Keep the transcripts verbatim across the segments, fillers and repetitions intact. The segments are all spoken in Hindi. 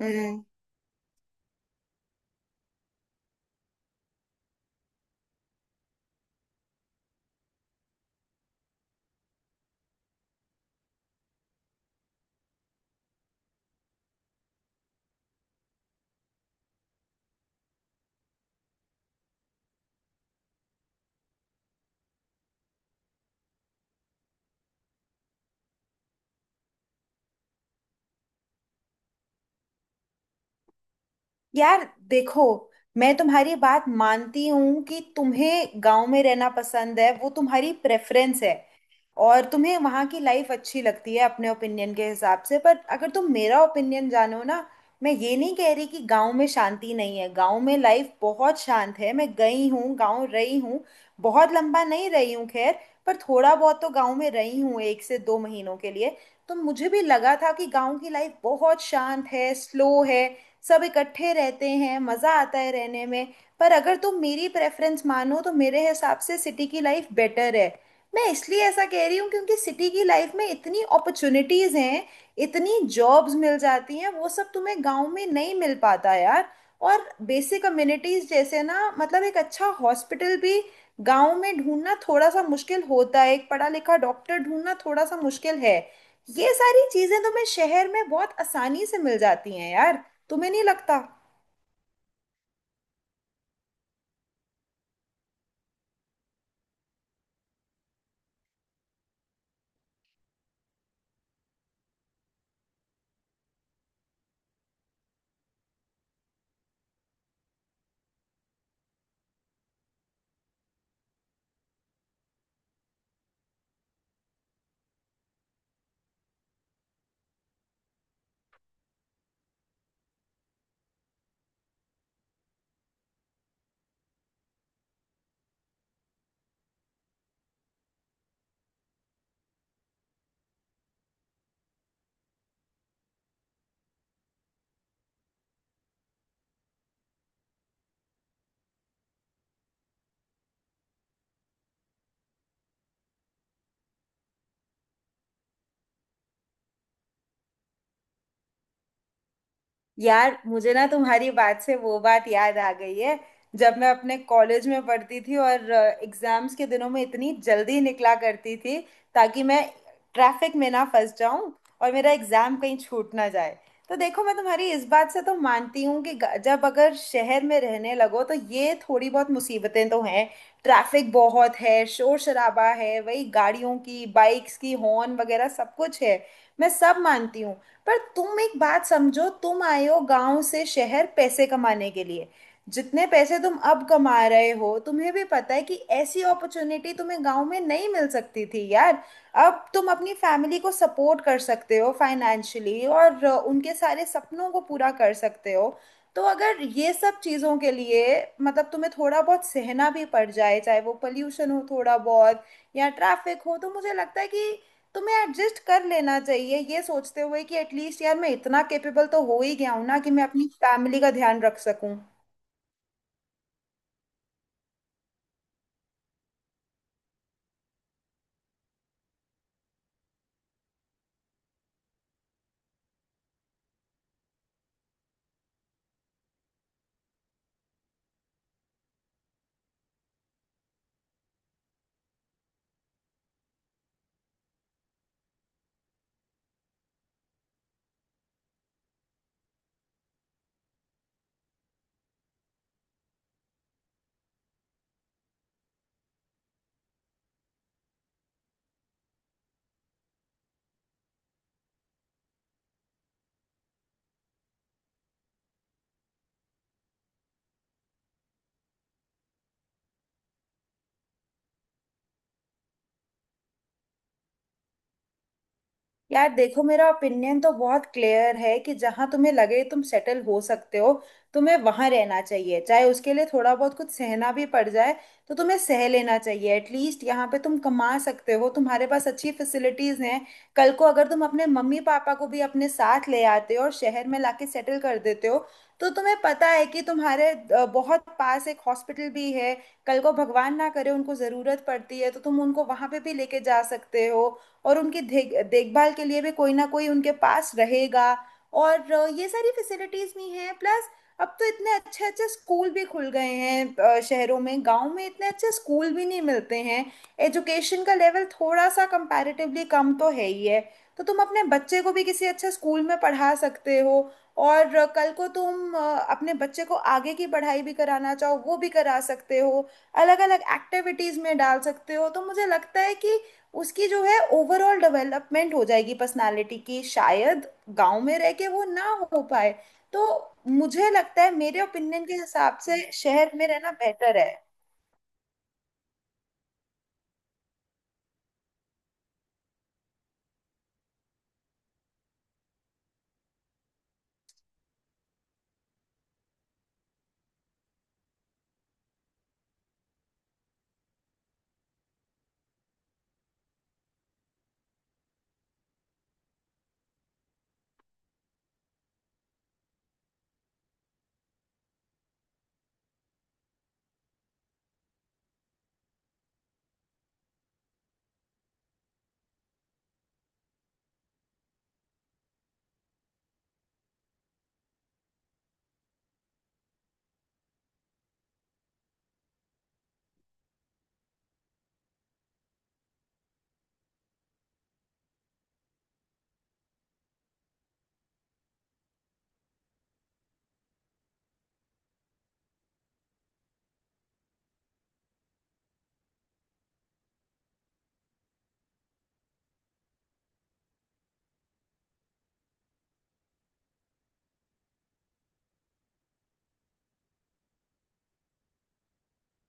हम्म। यार देखो, मैं तुम्हारी बात मानती हूँ कि तुम्हें गांव में रहना पसंद है, वो तुम्हारी प्रेफरेंस है। और तुम्हें वहाँ की लाइफ अच्छी लगती है अपने ओपिनियन के हिसाब से, पर अगर तुम मेरा ओपिनियन जानो ना, मैं ये नहीं कह रही कि गांव में शांति नहीं है। गांव में लाइफ बहुत शांत है, मैं गई हूँ, गांव रही हूँ। बहुत लंबा नहीं रही हूँ, खैर, पर थोड़ा बहुत तो गांव में रही हूँ एक से दो महीनों के लिए। तो मुझे भी लगा था कि गांव की लाइफ बहुत शांत है, स्लो है, सब इकट्ठे रहते हैं, मज़ा आता है रहने में। पर अगर तुम मेरी प्रेफरेंस मानो तो मेरे हिसाब से सिटी की लाइफ बेटर है। मैं इसलिए ऐसा कह रही हूँ क्योंकि सिटी की लाइफ में इतनी अपॉर्चुनिटीज़ हैं, इतनी जॉब्स मिल जाती हैं। वो सब तुम्हें गांव में नहीं मिल पाता यार। और बेसिक अम्यूनिटीज़ जैसे ना, मतलब एक अच्छा हॉस्पिटल भी गांव में ढूंढना थोड़ा सा मुश्किल होता है, एक पढ़ा लिखा डॉक्टर ढूंढना थोड़ा सा मुश्किल है। ये सारी चीज़ें तुम्हें शहर में बहुत आसानी से मिल जाती हैं यार। तुम्हें नहीं लगता? यार मुझे ना तुम्हारी बात से वो बात याद आ गई है जब मैं अपने कॉलेज में पढ़ती थी, और एग्जाम्स के दिनों में इतनी जल्दी निकला करती थी ताकि मैं ट्रैफिक में ना फंस जाऊं और मेरा एग्जाम कहीं छूट ना जाए। तो देखो, मैं तुम्हारी इस बात से तो मानती हूँ कि ग- जब अगर शहर में रहने लगो तो ये थोड़ी बहुत मुसीबतें तो हैं। ट्रैफिक बहुत है, शोर शराबा है, वही गाड़ियों की, बाइक्स की हॉर्न वगैरह सब कुछ है। मैं सब मानती हूँ। पर तुम एक बात समझो, तुम आए हो गांव से शहर पैसे कमाने के लिए। जितने पैसे तुम अब कमा रहे हो, तुम्हें भी पता है कि ऐसी अपॉर्चुनिटी तुम्हें गांव में नहीं मिल सकती थी यार। अब तुम अपनी फैमिली को सपोर्ट कर सकते हो फाइनेंशियली, और अ, उनके सारे सपनों को पूरा कर सकते हो। तो अगर ये सब चीज़ों के लिए, मतलब तुम्हें थोड़ा बहुत सहना भी पड़ जाए, चाहे वो पोल्यूशन हो थोड़ा बहुत या ट्रैफिक हो, तो मुझे लगता है कि तुम्हें एडजस्ट कर लेना चाहिए, ये सोचते हुए कि एटलीस्ट यार मैं इतना कैपेबल तो हो ही गया हूं ना कि मैं अपनी फैमिली का ध्यान रख सकूं। यार देखो, मेरा ओपिनियन तो बहुत क्लियर है कि जहां तुम्हें लगे तुम सेटल हो सकते हो, तुम्हें वहां रहना चाहिए, चाहे उसके लिए थोड़ा बहुत कुछ सहना भी पड़ जाए तो तुम्हें सह लेना चाहिए। एटलीस्ट यहाँ पे तुम कमा सकते हो, तुम्हारे पास अच्छी फैसिलिटीज हैं। कल को अगर तुम अपने मम्मी पापा को भी अपने साथ ले आते हो और शहर में लाके सेटल कर देते हो, तो तुम्हें पता है कि तुम्हारे अ, बहुत पास एक हॉस्पिटल भी है। कल को भगवान ना करे उनको ज़रूरत पड़ती है, तो तुम उनको वहां पे भी लेके जा सकते हो, और उनकी देख देखभाल के लिए भी कोई ना कोई उनके पास रहेगा। और अ, ये सारी फैसिलिटीज भी हैं। प्लस अब तो इतने अच्छे अच्छे स्कूल भी खुल गए हैं अ, शहरों में। गांव में इतने अच्छे स्कूल भी नहीं मिलते हैं, एजुकेशन का लेवल थोड़ा सा कंपैरेटिवली कम तो है ही है। तो तुम अपने बच्चे को भी किसी अच्छे स्कूल में पढ़ा सकते हो, और अ, कल को तुम अ, अपने बच्चे को आगे की पढ़ाई भी कराना चाहो वो भी करा सकते हो। अलग अलग एक्टिविटीज में डाल सकते हो। तो मुझे लगता है कि उसकी जो है ओवरऑल डेवलपमेंट हो जाएगी पर्सनालिटी की, शायद गांव में रह के वो ना हो पाए। तो मुझे लगता है मेरे ओपिनियन के हिसाब से शहर में रहना बेहतर है।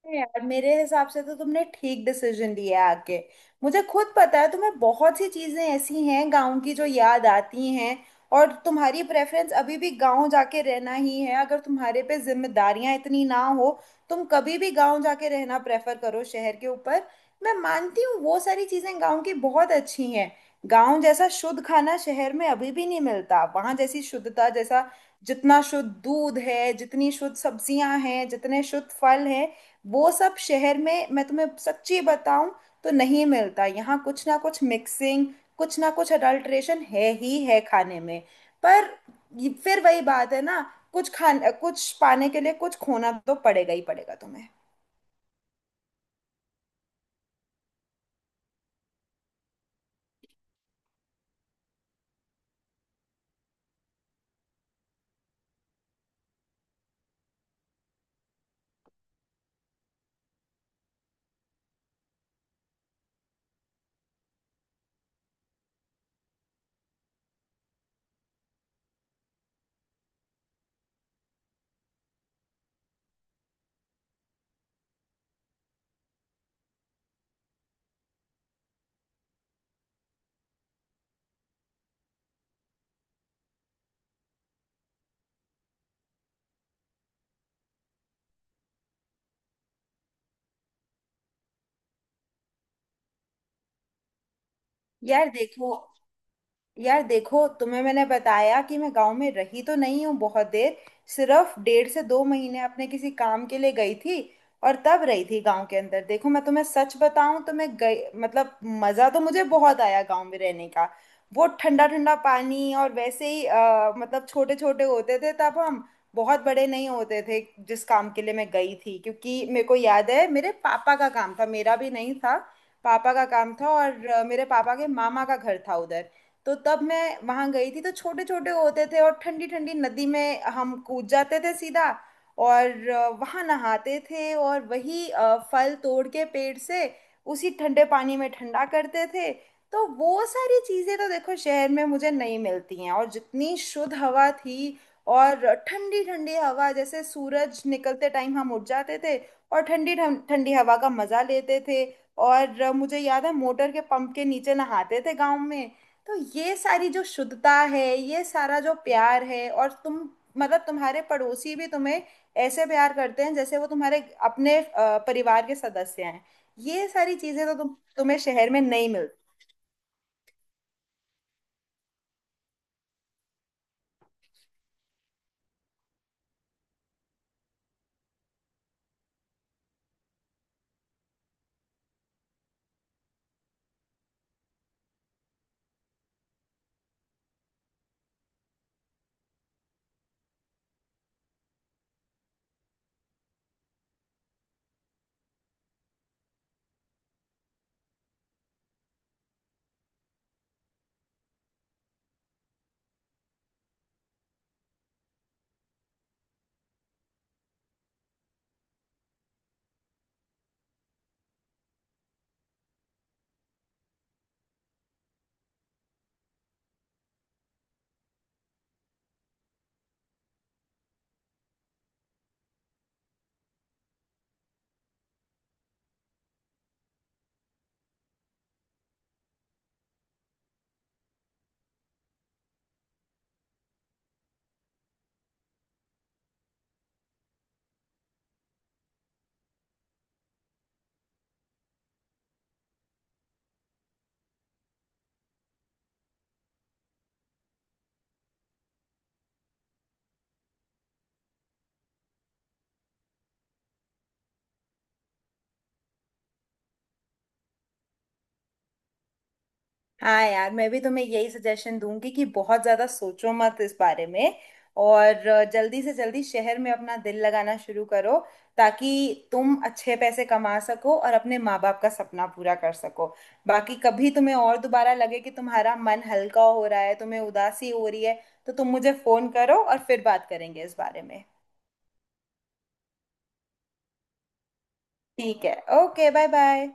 अरे यार, मेरे हिसाब से तो तुमने ठीक डिसीजन लिया है आके। मुझे खुद पता है तुम्हें बहुत सी चीजें ऐसी हैं गांव की जो याद आती हैं, और तुम्हारी प्रेफरेंस अभी भी गांव जाके रहना ही है। अगर तुम्हारे पे जिम्मेदारियां इतनी ना हो, तुम कभी भी गांव जाके रहना प्रेफर करो शहर के ऊपर। मैं मानती हूँ, वो सारी चीजें गांव की बहुत अच्छी हैं। गांव जैसा शुद्ध खाना शहर में अभी भी नहीं मिलता, वहां जैसी शुद्धता जैसा, जितना शुद्ध दूध है, जितनी शुद्ध सब्जियां हैं, जितने शुद्ध फल हैं, वो सब शहर में मैं तुम्हें सच्ची बताऊं तो नहीं मिलता। यहाँ कुछ ना कुछ मिक्सिंग, कुछ ना कुछ अडल्ट्रेशन है ही है खाने में। पर ये- फिर वही बात है ना, कुछ खान कुछ पाने के लिए कुछ खोना तो पड़ेगा ही पड़ेगा तुम्हें। यार देखो, यार देखो, तुम्हें मैंने बताया कि मैं गांव में रही तो नहीं हूँ बहुत देर, सिर्फ डेढ़ से दो महीने अपने किसी काम के लिए गई थी, और तब रही थी गांव के अंदर। देखो मैं तुम्हें सच बताऊं तो मैं गई, मतलब मज़ा तो मुझे बहुत आया गांव में रहने का। वो ठंडा ठंडा पानी, और वैसे ही अ, मतलब छोटे छोटे होते थे तब हम, बहुत बड़े नहीं होते थे जिस काम के लिए मैं गई थी। क्योंकि मेरे को याद है मेरे पापा का काम था, मेरा भी नहीं था, पापा का काम था। और अ, मेरे पापा के मामा का घर था उधर, तो तब मैं वहां गई थी। तो छोटे छोटे होते थे और ठंडी ठंडी नदी में हम कूद जाते थे सीधा, और अ, वहां नहाते थे, और वही अ, फल तोड़ के पेड़ से उसी ठंडे पानी में ठंडा करते थे। तो वो सारी चीजें तो देखो शहर में मुझे नहीं मिलती हैं। और जितनी शुद्ध हवा थी, और ठंडी ठंडी हवा, जैसे सूरज निकलते टाइम हम उठ जाते थे और ठंडी ठं- ठंडी हवा का मजा लेते थे। और मुझे याद है मोटर के पंप के नीचे नहाते थे गांव में। तो ये सारी जो शुद्धता है, ये सारा जो प्यार है, और तुम, मतलब तुम्हारे पड़ोसी भी तुम्हें ऐसे प्यार करते हैं जैसे वो तुम्हारे अपने अ, परिवार के सदस्य हैं। ये सारी चीजें तो तुम तुम्हें शहर में नहीं मिलती। हाँ यार, मैं भी तुम्हें यही सजेशन दूंगी कि बहुत ज्यादा सोचो मत इस बारे में, और अ, जल्दी से जल्दी शहर में अपना दिल लगाना शुरू करो, ताकि तुम अच्छे पैसे कमा सको और अपने माँ बाप का सपना पूरा कर सको। बाकी कभी तुम्हें और दोबारा लगे कि तुम्हारा मन हल्का हो रहा है, तुम्हें उदासी हो रही है, तो तुम मुझे फोन करो और फिर बात करेंगे इस बारे में। ठीक है, ओके, बाय बाय।